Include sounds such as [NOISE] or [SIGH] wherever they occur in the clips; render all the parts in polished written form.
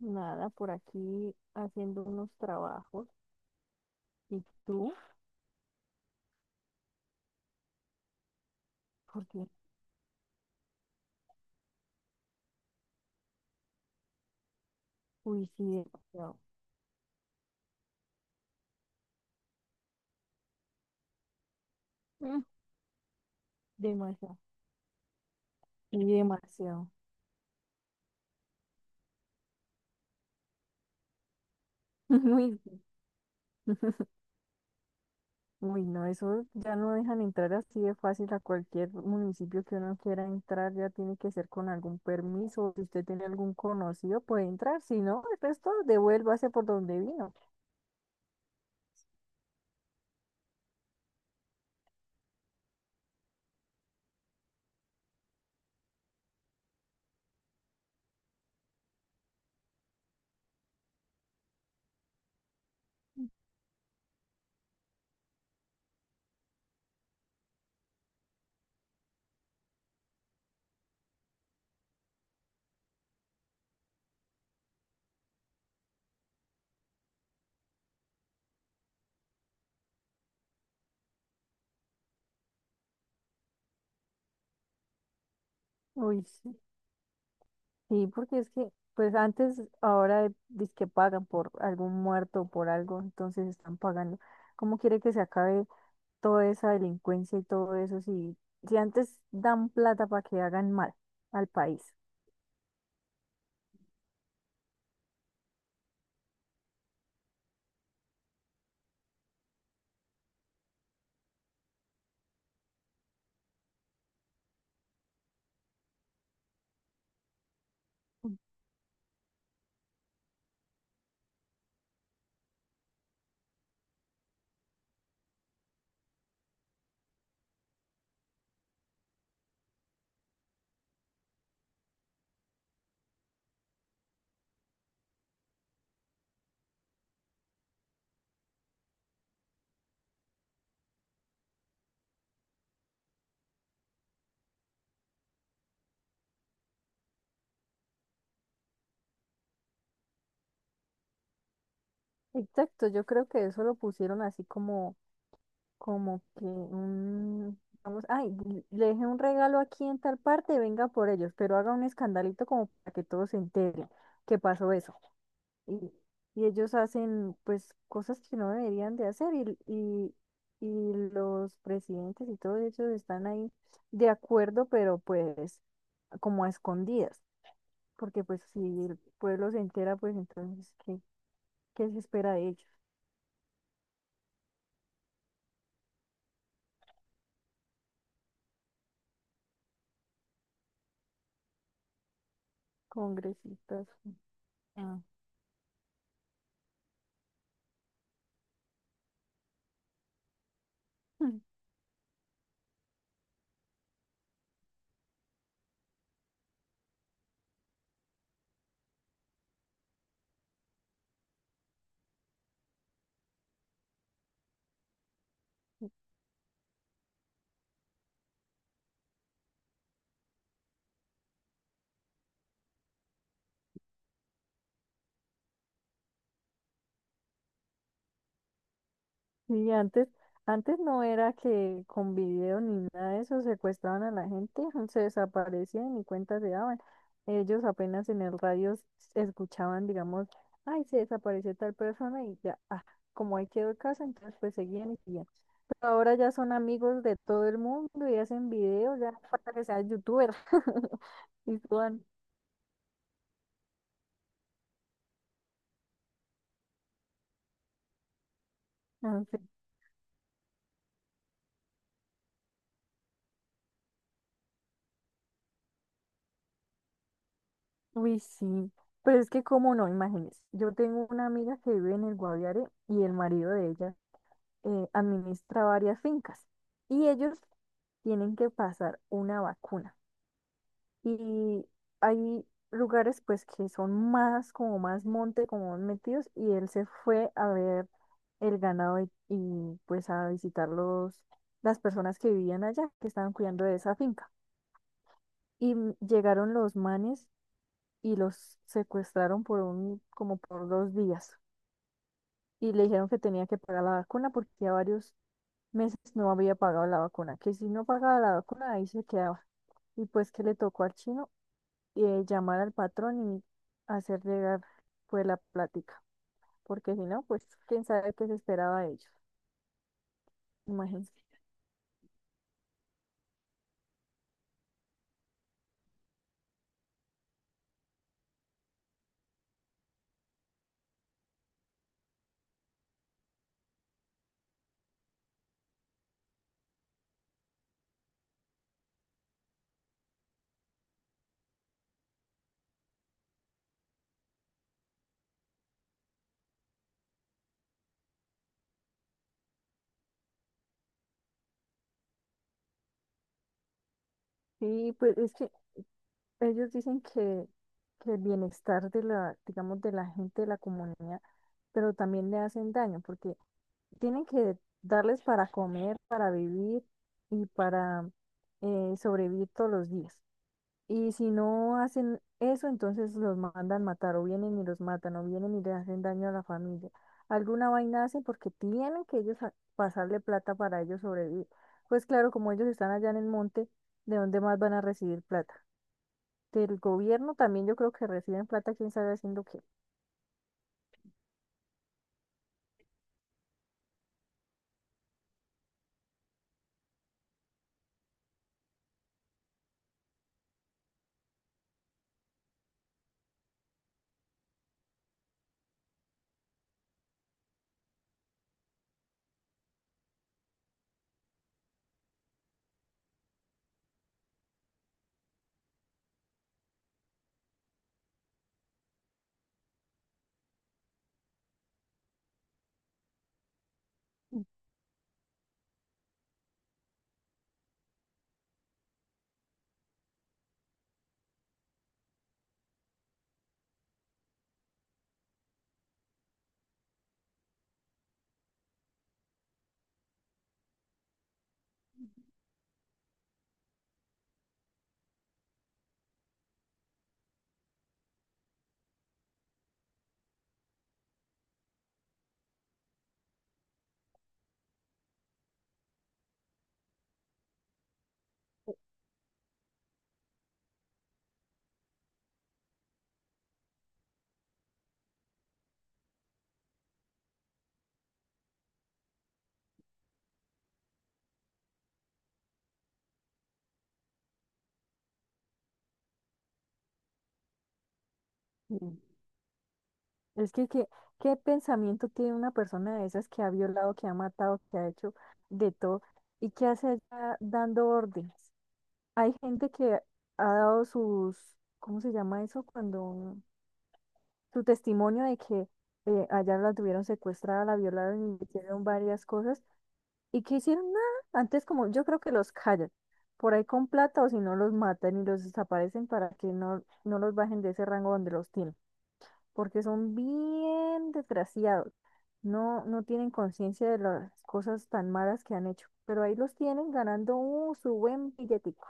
Nada, por aquí haciendo unos trabajos. ¿Y tú? Porque, uy, sí, demasiado. Mm, Demasiado. Y demasiado. [LAUGHS] Muy, uy, no, eso ya no dejan entrar así de fácil a cualquier municipio que uno quiera entrar, ya tiene que ser con algún permiso. Si usted tiene algún conocido, puede entrar. Si no, el resto devuélvase por donde vino. Uy, sí. Sí, porque es que, pues antes, ahora dice que pagan por algún muerto o por algo, entonces están pagando. ¿Cómo quiere que se acabe toda esa delincuencia y todo eso si, si antes dan plata para que hagan mal al país? Mm. Exacto, yo creo que eso lo pusieron así como, como que un, vamos, ay, le dejé un regalo aquí en tal parte, venga por ellos, pero haga un escandalito como para que todos se enteren que pasó eso. Y, ellos hacen pues cosas que no deberían de hacer y los presidentes y todos ellos están ahí de acuerdo, pero pues como a escondidas, porque pues si el pueblo se entera, pues entonces, ¿qué, qué se espera de ellos? Congresistas. Ah. [LAUGHS] Y antes, antes no era que con video ni nada de eso secuestraban a la gente, [LAUGHS] se desaparecían y cuentas se daban. Ellos apenas en el radio escuchaban, digamos, ay, se desapareció tal persona y ya, ah, como ahí quedó el caso, entonces pues seguían y seguían. Pero ahora ya son amigos de todo el mundo y hacen videos, ya no falta que seas youtuber. [LAUGHS] Y suban, no sé. Uy, sí. Pero es que, ¿cómo no? Imagínese, yo tengo una amiga que vive en el Guaviare y el marido de ella administra varias fincas y ellos tienen que pasar una vacuna. Y hay lugares pues que son más como más monte, como más metidos y él se fue a ver el ganado y pues a visitar los, las personas que vivían allá, que estaban cuidando de esa finca. Y llegaron los manes y los secuestraron por un, como por dos días. Y le dijeron que tenía que pagar la vacuna porque a varios meses no había pagado la vacuna, que si no pagaba la vacuna ahí se quedaba. Y pues que le tocó al chino llamar al patrón y hacer llegar pues la plática, porque si no, pues quién sabe qué se esperaba de ellos, imagínense. Y pues es que ellos dicen que el bienestar de la, digamos, de la gente de la comunidad, pero también le hacen daño, porque tienen que darles para comer, para vivir y para sobrevivir todos los días. Y si no hacen eso, entonces los mandan matar o vienen y los matan o vienen y le hacen daño a la familia. Alguna vaina hacen porque tienen que ellos pasarle plata para ellos sobrevivir. Pues claro, como ellos están allá en el monte, ¿de dónde más van a recibir plata? Del gobierno también yo creo que reciben plata, quién sabe haciendo qué. Mm. Es que, ¿qué, qué pensamiento tiene una persona de esas que ha violado, que ha matado, que ha hecho de todo y que hace allá dando órdenes? Hay gente que ha dado sus, ¿cómo se llama eso? Cuando su testimonio de que allá la tuvieron secuestrada, la violaron y le hicieron varias cosas y que hicieron nada. Antes como yo creo que los callan por ahí con plata o si no los matan y los desaparecen para que no, no los bajen de ese rango donde los tienen, porque son bien desgraciados. No, no tienen conciencia de las cosas tan malas que han hecho, pero ahí los tienen ganando su buen billetico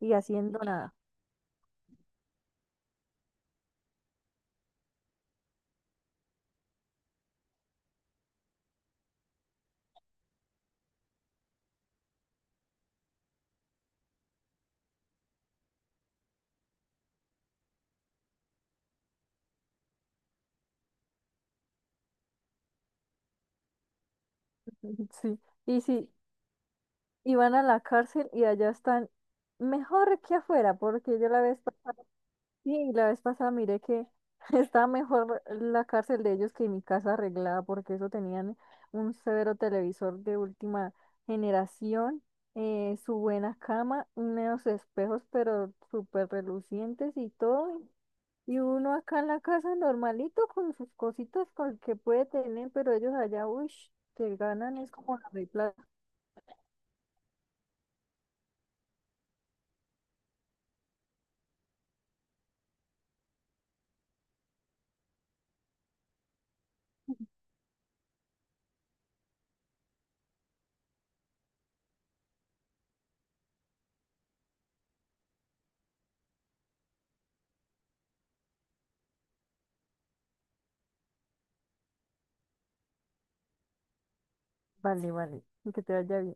y haciendo nada. Sí, y si iban a la cárcel y allá están mejor que afuera, porque yo la vez pasada, sí, la vez pasada miré que [LAUGHS] estaba mejor la cárcel de ellos que mi casa arreglada, porque eso tenían un severo televisor de última generación, su buena cama, unos espejos pero súper relucientes y todo, y uno acá en la casa normalito con sus cositas con que puede tener, pero ellos allá, uy, te ganan, es como la Vale, vale. Que te vaya bien.